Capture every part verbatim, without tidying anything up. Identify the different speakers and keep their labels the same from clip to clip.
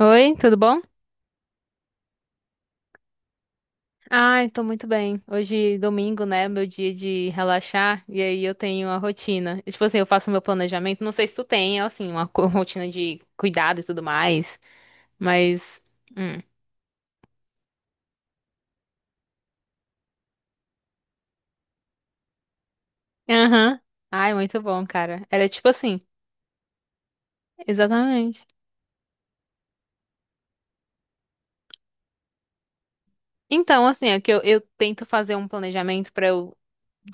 Speaker 1: Oi, tudo bom? Ai, tô muito bem. Hoje, domingo, né? Meu dia de relaxar. E aí eu tenho a rotina. E, tipo assim, eu faço meu planejamento. Não sei se tu tem, assim, uma co- rotina de cuidado e tudo mais. Mas. Hum. Aham. Ai, muito bom, cara. Era tipo assim. Exatamente. Então, assim, é que eu, eu tento fazer um planejamento pra eu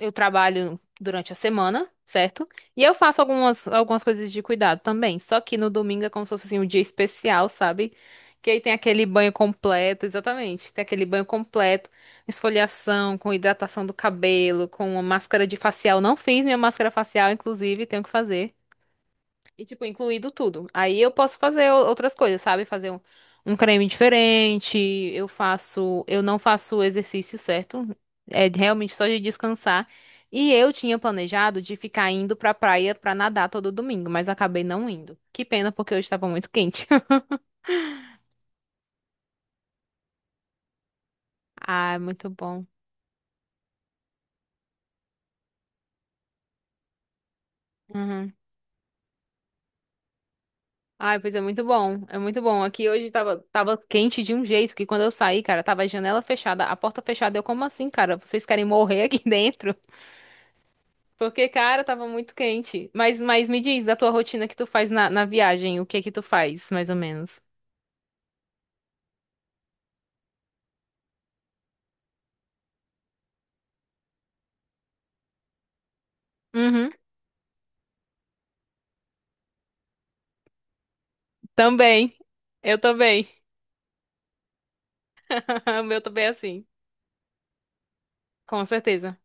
Speaker 1: eu trabalho durante a semana, certo? E eu faço algumas, algumas coisas de cuidado também. Só que no domingo é como se fosse assim, um dia especial, sabe? Que aí tem aquele banho completo, exatamente. Tem aquele banho completo, esfoliação, com hidratação do cabelo, com uma máscara de facial. Não fiz minha máscara facial, inclusive, tenho que fazer. E, tipo, incluído tudo. Aí eu posso fazer o- outras coisas, sabe? Fazer um, um creme diferente. Eu faço. Eu não faço o exercício certo. É de- realmente só de descansar. E eu tinha planejado de ficar indo pra praia pra nadar todo domingo, mas acabei não indo. Que pena, porque hoje estava muito quente. Ah, é muito bom. Uhum. Ai, pois é muito bom. É muito bom. Aqui hoje tava, tava quente de um jeito que quando eu saí, cara, tava a janela fechada, a porta fechada. Eu, como assim, cara? Vocês querem morrer aqui dentro? Porque, cara, tava muito quente. Mas, mas me diz da tua rotina que tu faz na, na viagem, o que que tu faz, mais ou menos? Uhum. Também. Eu também. O meu também é assim. Com certeza.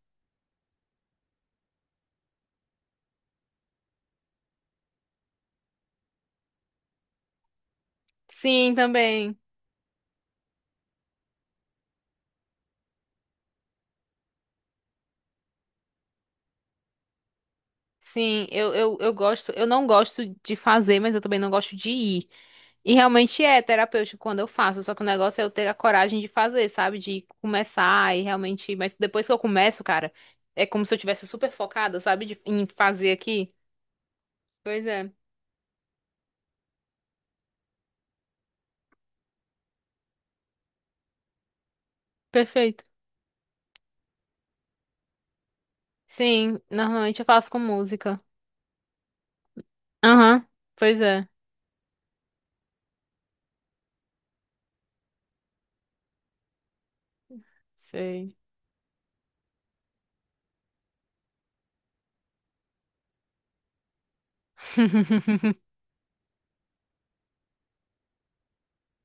Speaker 1: Sim, também. Sim, eu, eu, eu gosto, eu não gosto de fazer, mas eu também não gosto de ir. E realmente é terapêutico quando eu faço, só que o negócio é eu ter a coragem de fazer, sabe? De começar e realmente. Mas depois que eu começo, cara, é como se eu tivesse super focada, sabe? De, em fazer aqui. Pois é. Perfeito. Sim, normalmente eu faço com música. Aham, pois é. Sei.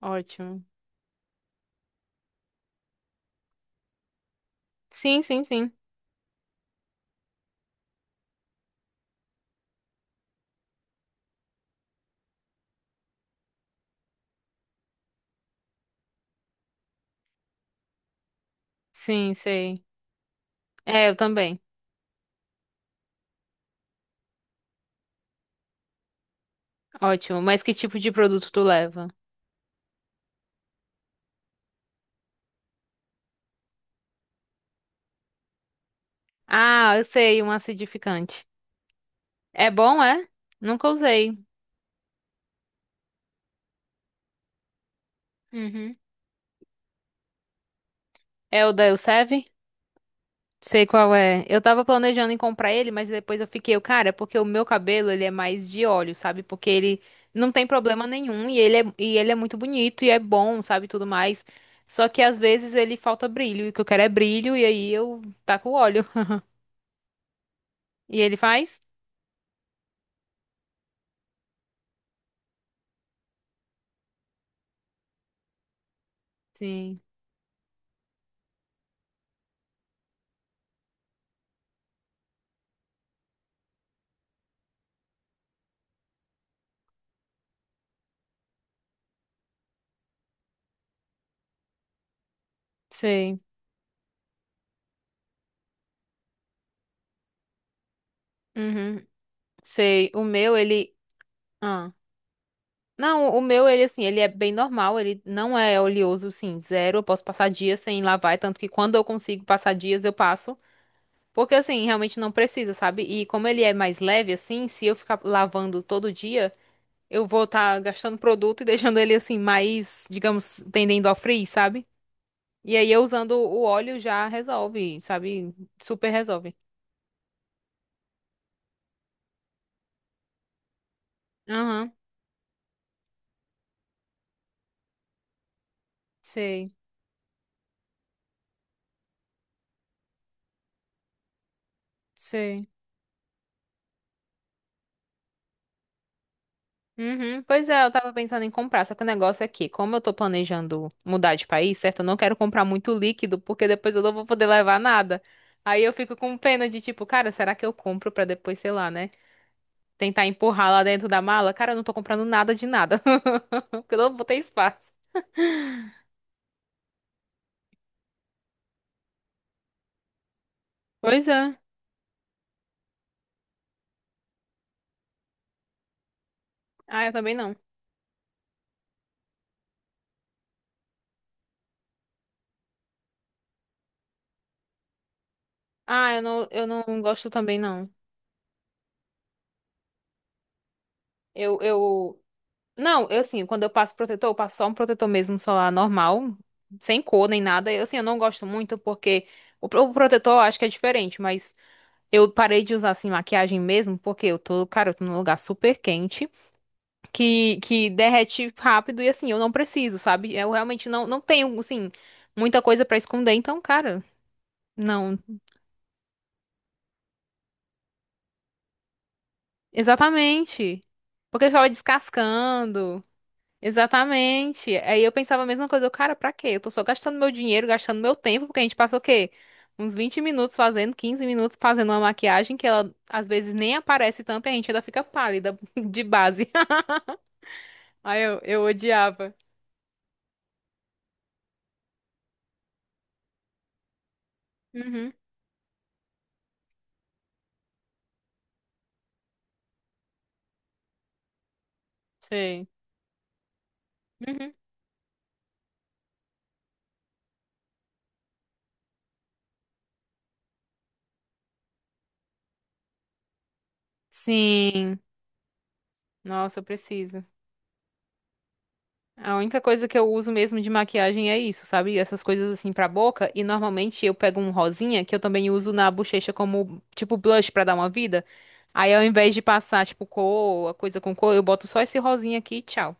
Speaker 1: Ótimo. Sim, sim, sim. Sim, sei. É, eu também. Ótimo. Mas que tipo de produto tu leva? Ah, eu sei, um acidificante. É bom, é? Nunca usei. Uhum. É o da Elseve? Sei qual é. Eu tava planejando em comprar ele, mas depois eu fiquei, eu, cara, porque o meu cabelo, ele é mais de óleo, sabe? Porque ele não tem problema nenhum e ele é, e ele é muito bonito e é bom, sabe? Tudo mais. Só que às vezes ele falta brilho, e o que eu quero é brilho, e aí eu taco o óleo. E ele faz? Sim, sei. Uhum, sei. O meu, ele. Ah. Não, o meu, ele assim, ele é bem normal, ele não é oleoso, assim, zero. Eu posso passar dias sem lavar, tanto que quando eu consigo passar dias, eu passo. Porque assim, realmente não precisa, sabe? E como ele é mais leve assim, se eu ficar lavando todo dia, eu vou estar gastando produto e deixando ele assim mais, digamos, tendendo ao frizz, sabe? E aí eu usando o óleo já resolve, sabe? Super resolve. Aham, sei, sei. Uhum, pois é, eu tava pensando em comprar, só que o negócio é que, como eu tô planejando mudar de país, certo? Eu não quero comprar muito líquido, porque depois eu não vou poder levar nada. Aí eu fico com pena de tipo, cara, será que eu compro pra depois, sei lá, né? Tentar empurrar lá dentro da mala, cara, eu não tô comprando nada de nada. Porque eu não vou ter espaço. Pois é. Ah, eu também não. Ah, eu não, eu não gosto também, não. Eu, eu. Não, eu assim, quando eu passo protetor, eu passo só um protetor mesmo solar normal, sem cor nem nada. Eu assim, eu não gosto muito porque o, pro- o protetor eu acho que é diferente, mas eu parei de usar assim maquiagem mesmo porque eu tô, cara, eu tô num lugar super quente. que, que derrete rápido e assim, eu não preciso, sabe? Eu realmente não, não tenho, assim, muita coisa pra esconder, então, cara, não. Exatamente. Porque eu ficava descascando. Exatamente. Aí eu pensava a mesma coisa, eu, cara, pra quê? Eu tô só gastando meu dinheiro, gastando meu tempo, porque a gente passa o quê? Uns vinte minutos fazendo, quinze minutos fazendo uma maquiagem que ela às vezes nem aparece tanto e a gente ainda fica pálida de base. Aí eu, eu odiava. Uhum. Sei. Uhum. Sim. Nossa, eu preciso. A única coisa que eu uso mesmo de maquiagem é isso, sabe? Essas coisas assim pra boca. E normalmente eu pego um rosinha, que eu também uso na bochecha como, tipo, blush pra dar uma vida. Aí ao invés de passar, tipo, cor, a coisa com cor, eu boto só esse rosinha aqui e tchau.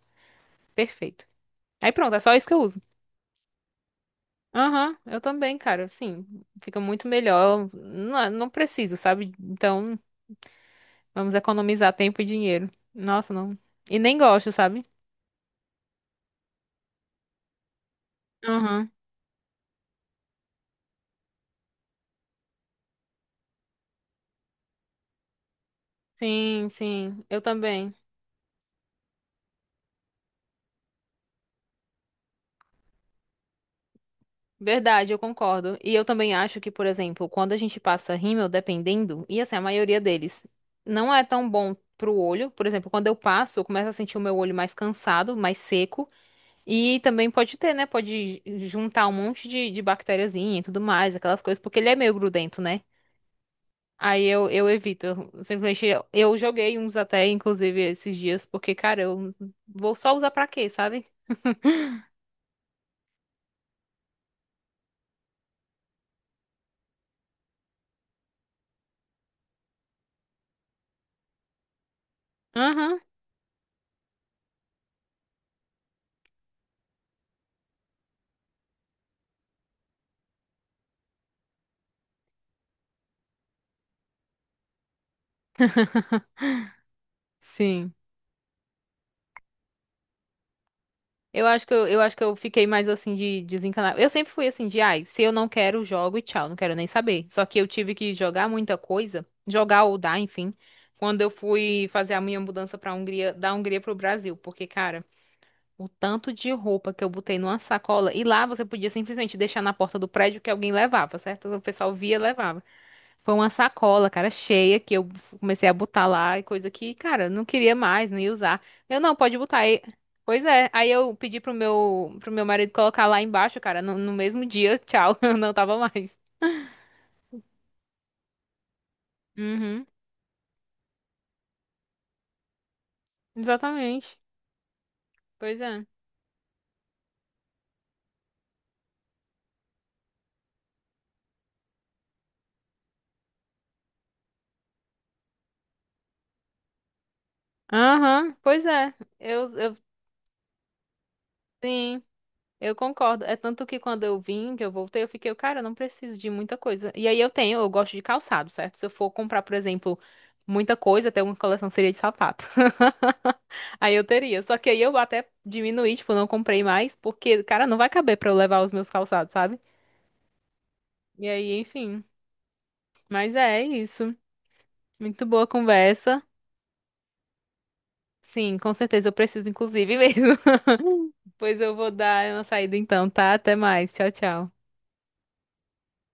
Speaker 1: Perfeito. Aí pronto, é só isso que eu uso. Aham, eu também, cara. Sim, fica muito melhor. Não, não preciso, sabe? Então, vamos economizar tempo e dinheiro. Nossa, não. E nem gosto, sabe? Aham. Sim, sim, eu também. Verdade, eu concordo. E eu também acho que, por exemplo, quando a gente passa rímel, dependendo, e assim, a maioria deles não é tão bom pro olho. Por exemplo, quando eu passo, eu começo a sentir o meu olho mais cansado, mais seco. E também pode ter, né? Pode juntar um monte de, de bactériazinha e tudo mais, aquelas coisas, porque ele é meio grudento, né? Aí eu, eu evito. Eu simplesmente eu eu joguei uns até, inclusive, esses dias, porque, cara, eu vou só usar pra quê, sabe? Aham. Sim. Eu acho que eu, eu acho que eu fiquei mais assim de desencanar. Eu sempre fui assim de, ai, se eu não quero, jogo e tchau, não quero nem saber. Só que eu tive que jogar muita coisa, jogar ou dar, enfim, quando eu fui fazer a minha mudança pra Hungria, da Hungria pro Brasil, porque cara, o tanto de roupa que eu botei numa sacola e lá você podia simplesmente deixar na porta do prédio que alguém levava, certo? O pessoal via, levava. Foi uma sacola, cara, cheia, que eu comecei a botar lá, e coisa que, cara, eu não queria mais, não ia usar. Eu, não, pode botar aí. Pois é, aí eu pedi pro meu, pro meu marido colocar lá embaixo, cara, no, no mesmo dia, tchau, eu não tava mais. Uhum, exatamente. Pois é. Aham, pois é. Eu, eu, sim. Eu concordo. É tanto que quando eu vim, que eu voltei, eu fiquei, cara, eu não preciso de muita coisa. E aí eu tenho, eu gosto de calçado, certo? Se eu for comprar, por exemplo, muita coisa, até uma coleção seria de sapato. Aí eu teria. Só que aí eu até diminuí, tipo, não comprei mais, porque, cara, não vai caber pra eu levar os meus calçados, sabe? E aí, enfim. Mas é isso. Muito boa conversa. Sim, com certeza eu preciso, inclusive mesmo. Pois eu vou dar uma saída então, tá? Até mais. Tchau, tchau.